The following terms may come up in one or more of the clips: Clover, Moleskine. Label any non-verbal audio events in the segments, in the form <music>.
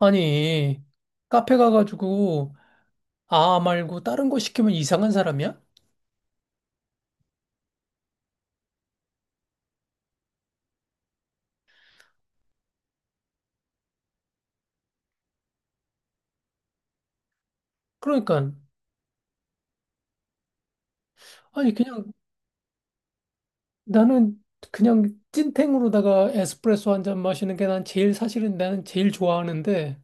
아니, 카페 가가지고 아 말고 다른 거 시키면 이상한 사람이야? 그러니까 아니 그냥 나는 그냥 찐탱으로다가 에스프레소 한잔 마시는 게 난 제일 사실은 나는 제일 좋아하는데.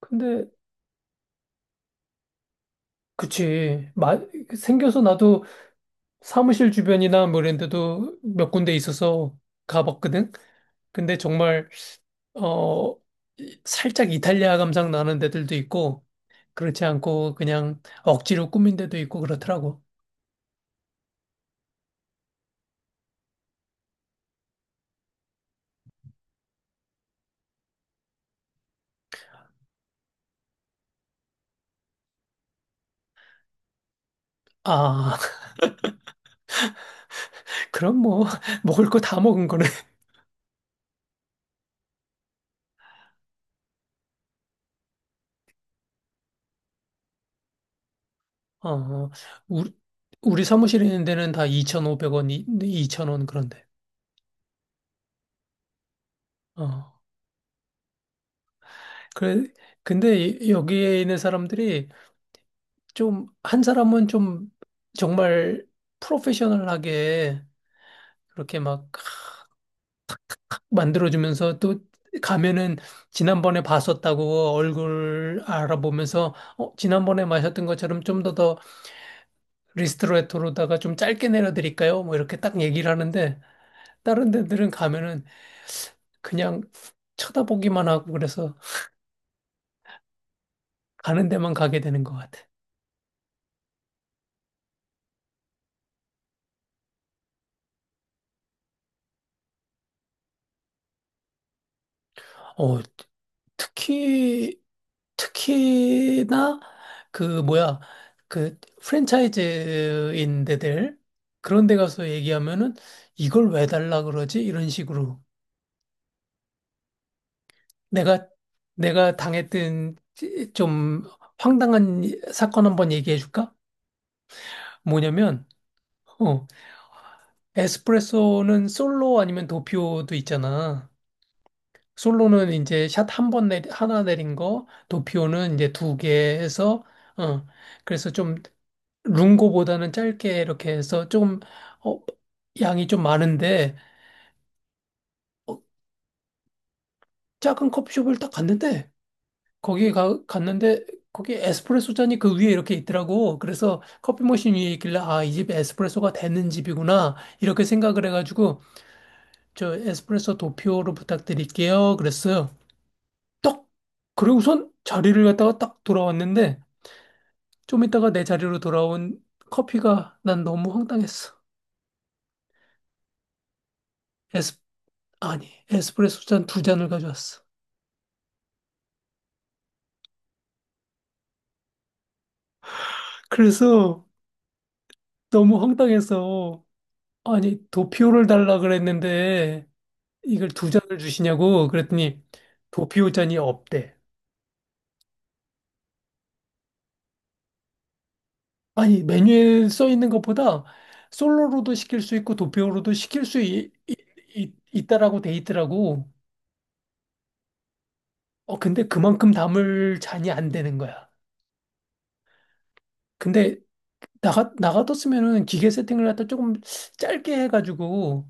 근데 그치 마, 생겨서 나도 사무실 주변이나 뭐 이런 데도 몇 군데 있어서 가봤거든? 근데 정말 어 살짝 이탈리아 감상 나는 데들도 있고 그렇지 않고 그냥 억지로 꾸민 데도 있고 그렇더라고. 아, <laughs> 그럼 뭐, <laughs> 먹을 거 다 먹은 거네. 어, 우리, 우리 사무실에 있는 데는 다 2,500원, 2,000원 그런데. 어, 그래, 근데 여기에 있는 사람들이 좀, 한 사람은 좀 정말 프로페셔널하게 그렇게 막 만들어주면서 또 가면은 지난번에 봤었다고 얼굴 알아보면서, 지난번에 마셨던 것처럼 좀 더 리스트레토로다가 좀 짧게 내려드릴까요? 뭐 이렇게 딱 얘기를 하는데, 다른 데들은 가면은 그냥 쳐다보기만 하고. 그래서 가는 데만 가게 되는 것 같아. 어, 특히, 특히나 그 뭐야, 그 프랜차이즈인 데들, 그런 데 가서 얘기하면은 이걸 왜 달라 그러지? 이런 식으로. 내가 내가 당했던 좀 황당한 사건 한번 얘기해 줄까? 뭐냐면 어, 에스프레소는 솔로 아니면 도피오도 있잖아. 솔로는 이제 샷 한 번 내 하나 내린 거, 도피오는 이제 두개 해서, 어, 그래서 좀 룽고보다는 짧게 이렇게 해서 좀, 어, 양이 좀 많은데, 어, 작은 커피숍을 딱 갔는데, 거기에 갔는데, 거기 에스프레소 잔이 그 위에 이렇게 있더라고. 그래서 커피 머신 위에 있길래, 아, 이 집에 에스프레소가 되는 집이구나. 이렇게 생각을 해가지고, 저 에스프레소 도피오로 부탁드릴게요. 그랬어요. 딱! 그리고선 자리를 갖다가 딱 돌아왔는데, 좀 이따가 내 자리로 돌아온 커피가 난 너무 황당했어. 에스, 아니, 에스프레소 잔 두 잔을 가져왔어. 그래서 너무 황당해서, 아니, 도피오를 달라 그랬는데 이걸 두 잔을 주시냐고 그랬더니 도피오 잔이 없대. 아니, 메뉴에 써 있는 것보다 솔로로도 시킬 수 있고 도피오로도 시킬 수 있다라고 돼 있더라고. 어, 근데 그만큼 담을 잔이 안 되는 거야. 근데 나가뒀으면은 기계 세팅을 갖다 조금 짧게 해가지고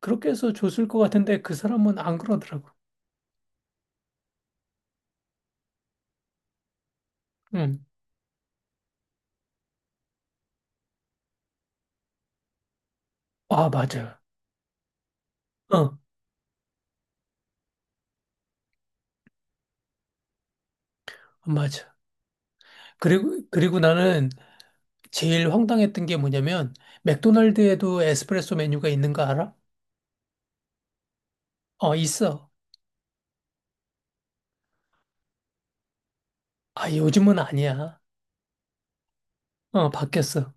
그렇게 해서 줬을 것 같은데, 그 사람은 안 그러더라고. 응. 아, 맞아. 어, 맞아. 그리고 나는 제일 황당했던 게 뭐냐면, 맥도날드에도 에스프레소 메뉴가 있는 거 알아? 어, 있어. 아, 요즘은 아니야. 어, 바뀌었어.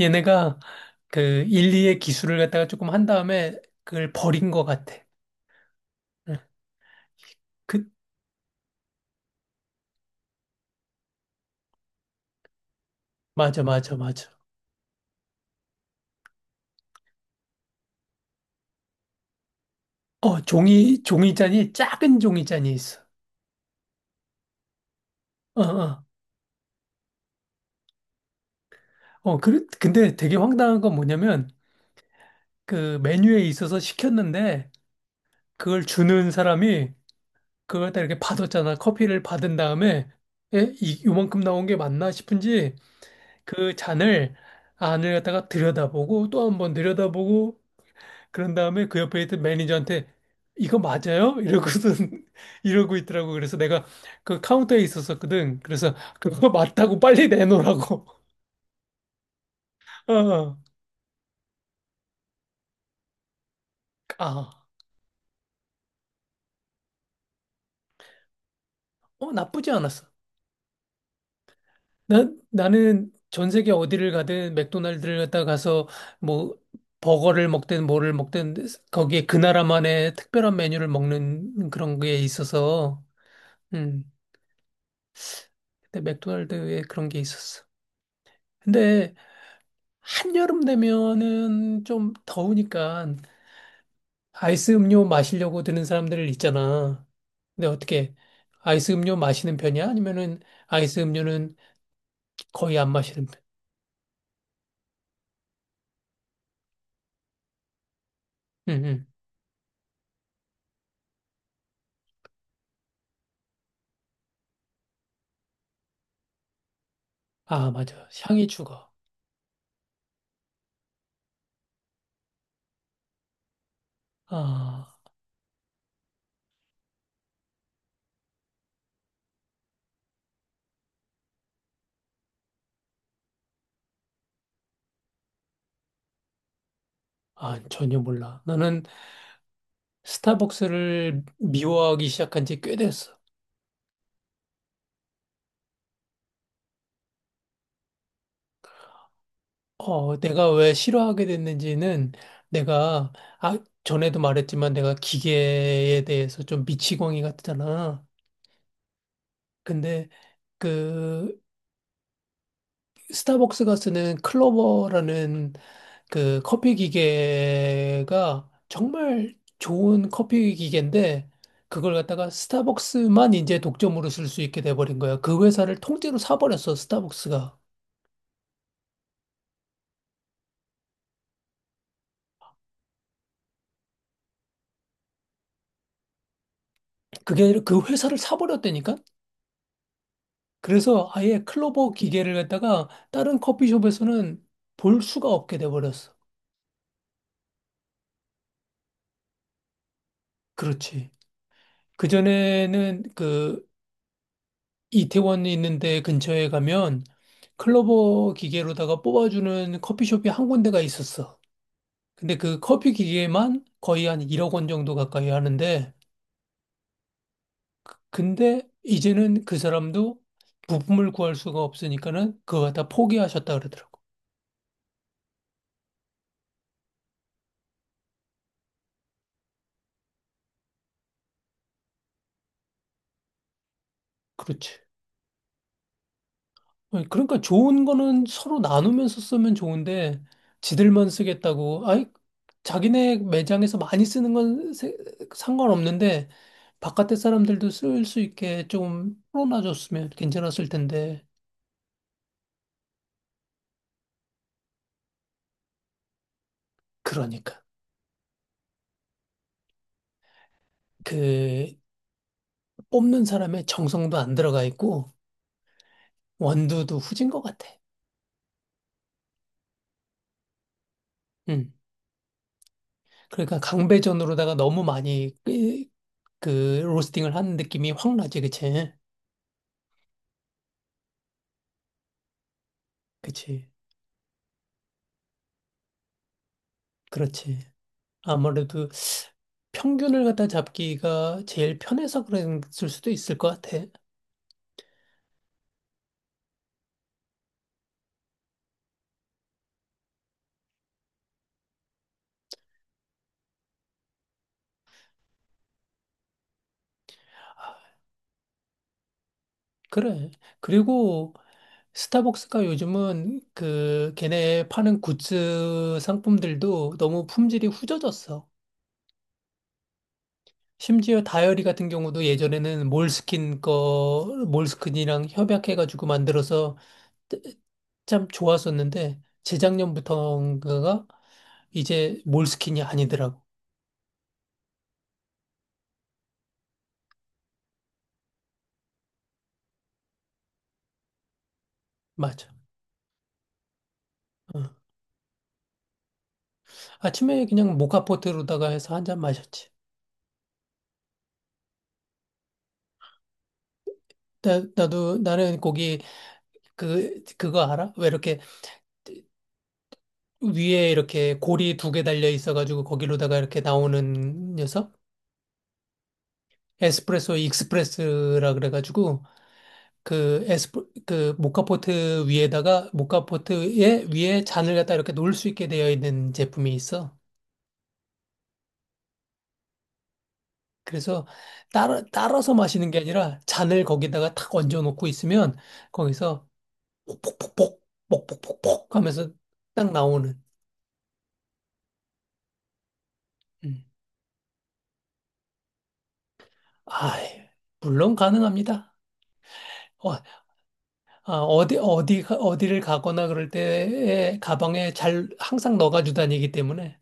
얘네가 그 일리의 기술을 갖다가 조금 한 다음에 그걸 버린 것 같아. 응. 그 맞아, 맞아, 맞아. 어, 종이잔이, 작은 종이잔이 있어. 어, 어. 어, 근데 되게 황당한 건 뭐냐면, 그 메뉴에 있어서 시켰는데, 그걸 주는 사람이 그걸 다 이렇게 받았잖아. 커피를 받은 다음에, 요만큼 나온 게 맞나 싶은지, 그 잔을 안을 갖다가 들여다보고, 또 한 번 들여다보고, 그런 다음에 그 옆에 있던 매니저한테, 이거 맞아요? 이러고선, <laughs> 이러고 있더라고. 그래서 내가 그 카운터에 있었었거든. 그래서 그거 맞다고 빨리 내놓으라고. 어, 아, 나쁘지 않았어. 나는 전 세계 어디를 가든 맥도날드를 갔다 가서 뭐 버거를 먹든 뭐를 먹든 거기에 그 나라만의 특별한 메뉴를 먹는 그런 게 있어서, 음, 근데 맥도날드에 그런 게 있었어. 근데 한여름 되면은 좀 더우니까 아이스 음료 마시려고 드는 사람들 있잖아. 근데 어떻게, 아이스 음료 마시는 편이야? 아니면은 아이스 음료는 거의 안 마시는 편? 응, 아, 맞아. 향이 죽어. 아, 아, 전혀 몰라. 나는 스타벅스를 미워하기 시작한 지 꽤 됐어. 내가 왜 싫어하게 됐는지는, 내가, 아, 전에도 말했지만 내가 기계에 대해서 좀 미치광이 같잖아. 근데 그 스타벅스가 쓰는 클로버라는 그 커피 기계가 정말 좋은 커피 기계인데 그걸 갖다가 스타벅스만 이제 독점으로 쓸 수 있게 돼버린 거야. 그 회사를 통째로 사버렸어, 스타벅스가. 그게 아니라 그 회사를 사버렸다니까? 그래서 아예 클로버 기계를 갖다가 다른 커피숍에서는 볼 수가 없게 돼버렸어. 그렇지. 그전에는 그 이태원에 있는데 근처에 가면 클로버 기계로다가 뽑아주는 커피숍이 한 군데가 있었어. 근데 그 커피 기계만 거의 한 1억 원 정도 가까이 하는데, 근데 이제는 그 사람도 부품을 구할 수가 없으니까는 그거 다 포기하셨다 그러더라고. 그렇지. 아니, 그러니까 좋은 거는 서로 나누면서 쓰면 좋은데 지들만 쓰겠다고. 아이, 자기네 매장에서 많이 쓰는 건 상관없는데 바깥에 사람들도 쓸 수 있게 좀 풀어놔줬으면 괜찮았을 텐데. 그러니까 그 뽑는 사람의 정성도 안 들어가 있고 원두도 후진 것 같아. 음. 그러니까 강배전으로다가 너무 많이 그 로스팅을 하는 느낌이 확 나지, 그치? 그치? 그렇지. 아무래도 평균을 갖다 잡기가 제일 편해서 그랬을 수도 있을 것 같아. 아, 그래. 그리고 스타벅스가 요즘은 그 걔네 파는 굿즈 상품들도 너무 품질이 후져졌어. 심지어 다이어리 같은 경우도 예전에는 몰스킨 거, 몰스킨이랑 협약해가지고 만들어서 참 좋았었는데 재작년부터인가가 이제 몰스킨이 아니더라고. 맞아. 어. 아침에 그냥 모카포트로다가 해서 한 잔 마셨지. 나도. 나는 거기 그거 알아? 왜 이렇게 위에 이렇게 고리 두 개 달려 있어가지고 거기로다가 이렇게 나오는 녀석? 에스프레소 익스프레스라 그래가지고 그 에스프 그 모카포트 위에다가, 모카포트에 위에 잔을 갖다 이렇게 놓을 수 있게 되어 있는 제품이 있어. 그래서 따라서 마시는 게 아니라 잔을 거기다가 탁 얹어 놓고 있으면 거기서 폭폭폭폭, 폭폭폭폭 하면서 딱 나오는. 음. 아, 예. 물론 가능합니다. 어, 아, 어디를 가거나 그럴 때 가방에 잘 항상 넣어가지고 다니기 때문에.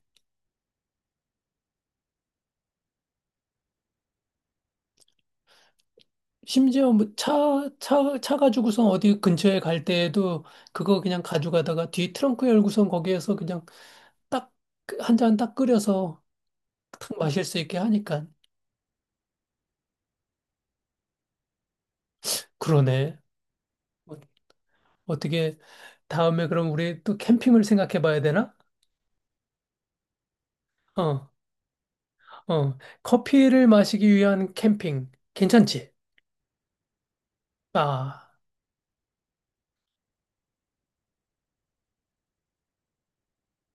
심지어 뭐 차 가지고선 어디 근처에 갈 때에도 그거 그냥 가져가다가 뒤 트렁크 열고선 거기에서 그냥 딱, 한잔 딱 끓여서 탁 마실 수 있게 하니까. 그러네. 어, 어떻게 다음에 그럼 우리 또 캠핑을 생각해 봐야 되나? 어, 어. 커피를 마시기 위한 캠핑. 괜찮지? 아.